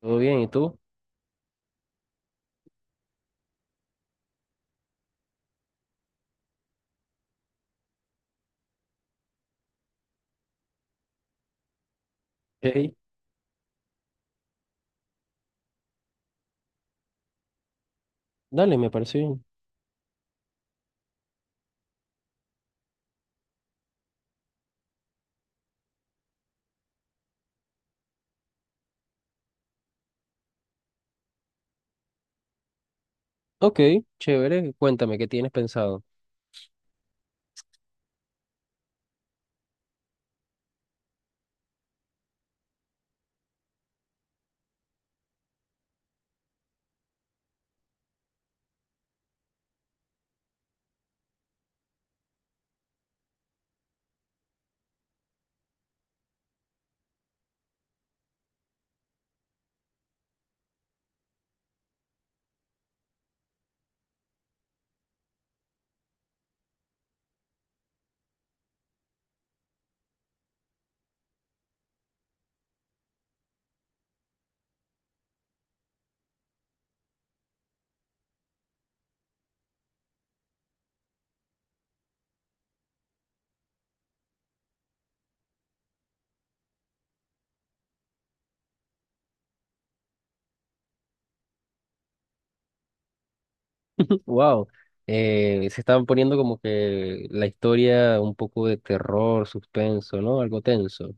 Todo bien, ¿y tú? Hey, dale, me parece bien. Ok, chévere, cuéntame, ¿qué tienes pensado? Wow, se están poniendo como que la historia un poco de terror, suspenso, ¿no? Algo tenso. Ok,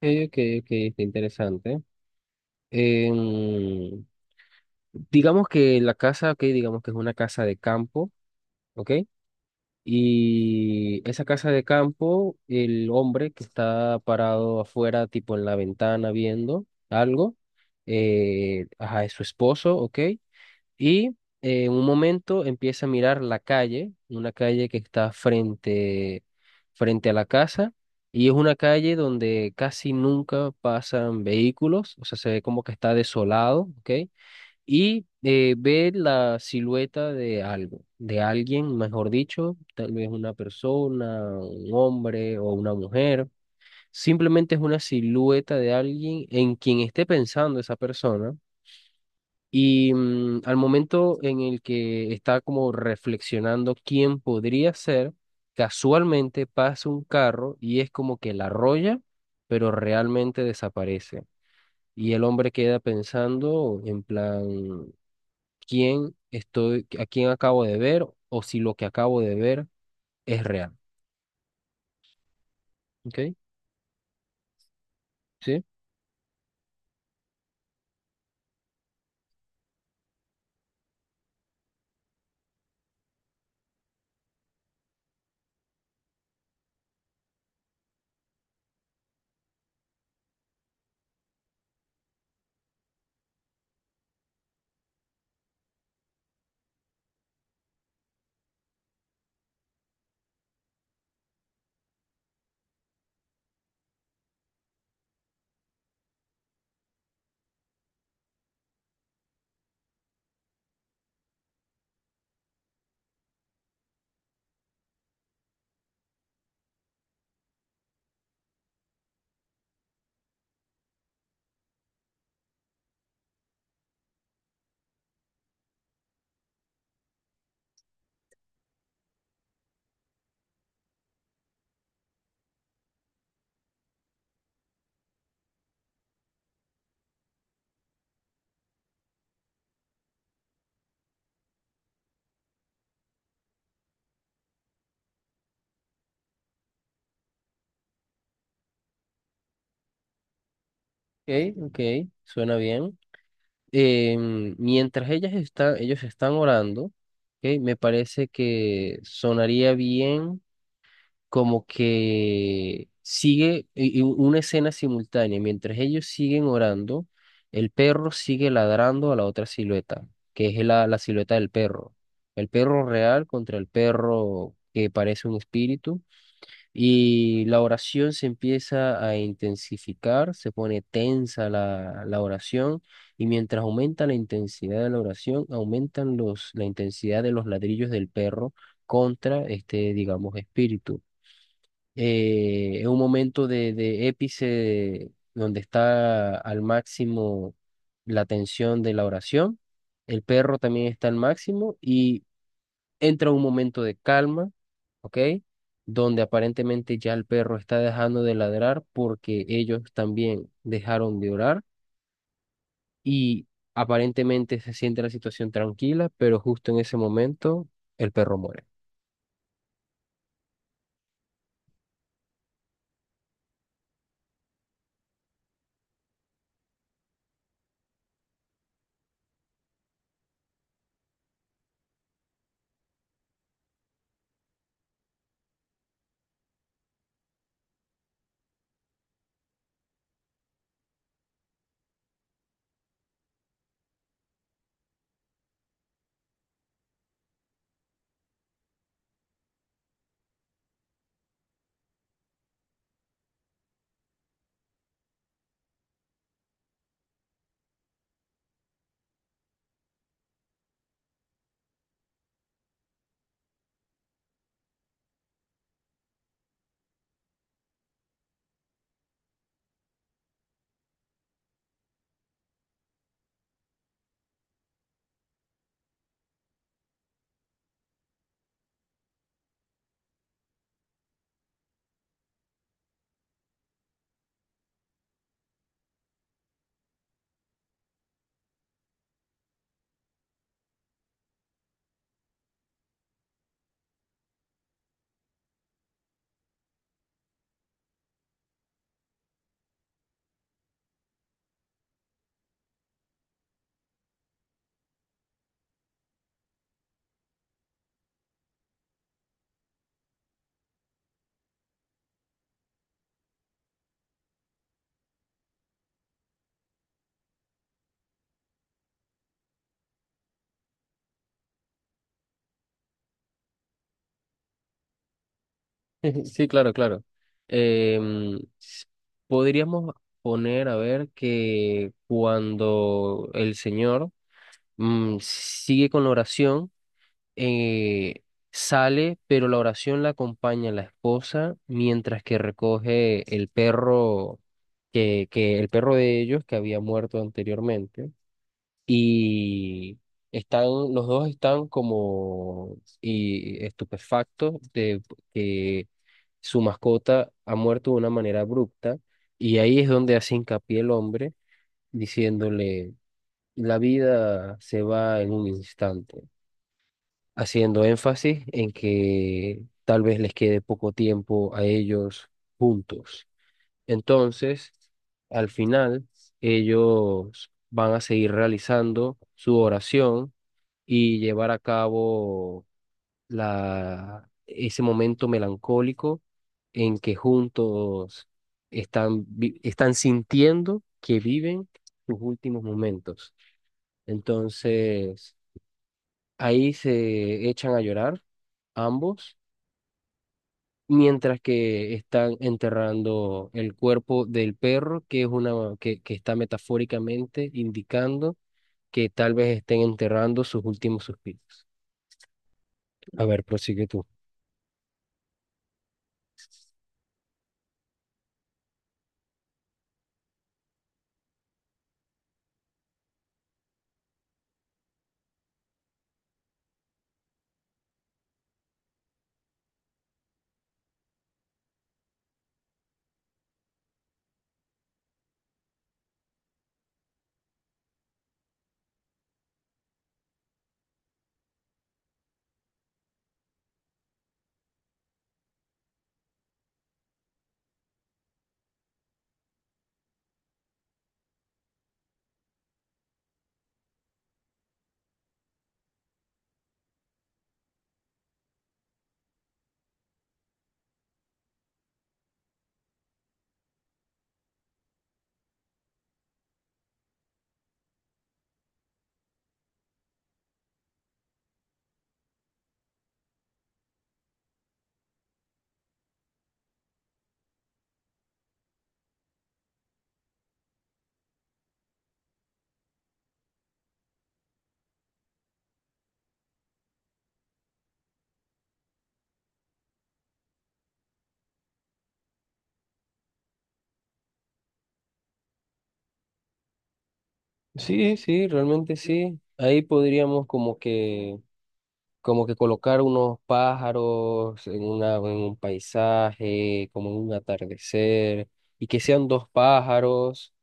ok, ok, está interesante. Em, digamos que la casa, ok, digamos que es una casa de campo, ¿ok? Y esa casa de campo, el hombre que está parado afuera, tipo en la ventana viendo algo, ajá, es su esposo, ¿ok? Y en un momento empieza a mirar la calle, una calle que está frente, frente a la casa, y es una calle donde casi nunca pasan vehículos, o sea, se ve como que está desolado, ¿ok? Ver la silueta de algo, de alguien, mejor dicho, tal vez una persona, un hombre o una mujer. Simplemente es una silueta de alguien en quien esté pensando esa persona. Y al momento en el que está como reflexionando quién podría ser, casualmente pasa un carro y es como que la arrolla, pero realmente desaparece. Y el hombre queda pensando en plan, quién estoy, a quién acabo de ver o si lo que acabo de ver es real. ¿Ok? Sí. Ok, ok, suena bien. Mientras ellos están orando, ok, me parece que sonaría bien como que sigue y una escena simultánea. Mientras ellos siguen orando, el perro sigue ladrando a la otra silueta, que es la silueta del perro. El perro real contra el perro que parece un espíritu. Y la oración se empieza a intensificar, se pone tensa la oración y mientras aumenta la intensidad de la oración, aumentan la intensidad de los ladrillos del perro contra este, digamos, espíritu. Es un momento de épice donde está al máximo la tensión de la oración. El perro también está al máximo entra un momento de calma, ¿ok? Donde aparentemente ya el perro está dejando de ladrar porque ellos también dejaron de orar y aparentemente se siente la situación tranquila, pero justo en ese momento el perro muere. Sí, claro, claro. Em, s- Podríamos poner a ver que cuando el Señor sigue con la oración, eh, sale, pero la oración la acompaña la esposa mientras que recoge el perro que el perro de ellos que había muerto anteriormente y están los dos están como y estupefactos de que su mascota ha muerto de una manera abrupta y ahí es donde hace hincapié el hombre diciéndole: la vida se va en un instante, haciendo énfasis en que tal vez les quede poco tiempo a ellos juntos. Entonces, al final, ellos van a seguir realizando su oración y llevar a cabo ese momento melancólico en que juntos están sintiendo que viven sus últimos momentos. Entonces, ahí se echan a llorar ambos mientras que están enterrando el cuerpo del perro, que es una que está metafóricamente indicando que tal vez estén enterrando sus últimos suspiros. A ver, prosigue tú. Sí, sí, realmente sí. Ahí podríamos como que colocar unos pájaros en una en un paisaje, como en un atardecer y que sean dos pájaros.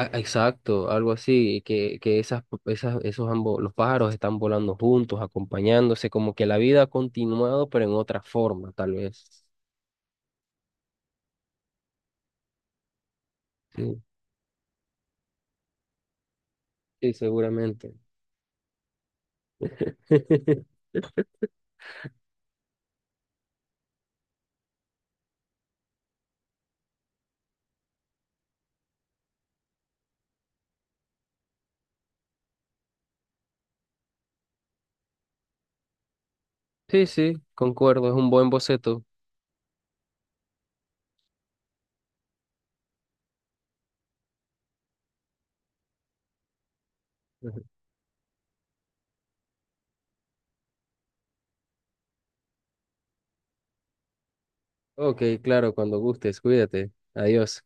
Ah, exacto, algo así, que esas, esas, esos ambos, los pájaros están volando juntos, acompañándose, como que la vida ha continuado, pero en otra forma, tal vez. Sí, sí, seguramente. Sí, sí, concuerdo, es un buen boceto. Ok, claro, cuando gustes, cuídate. Adiós.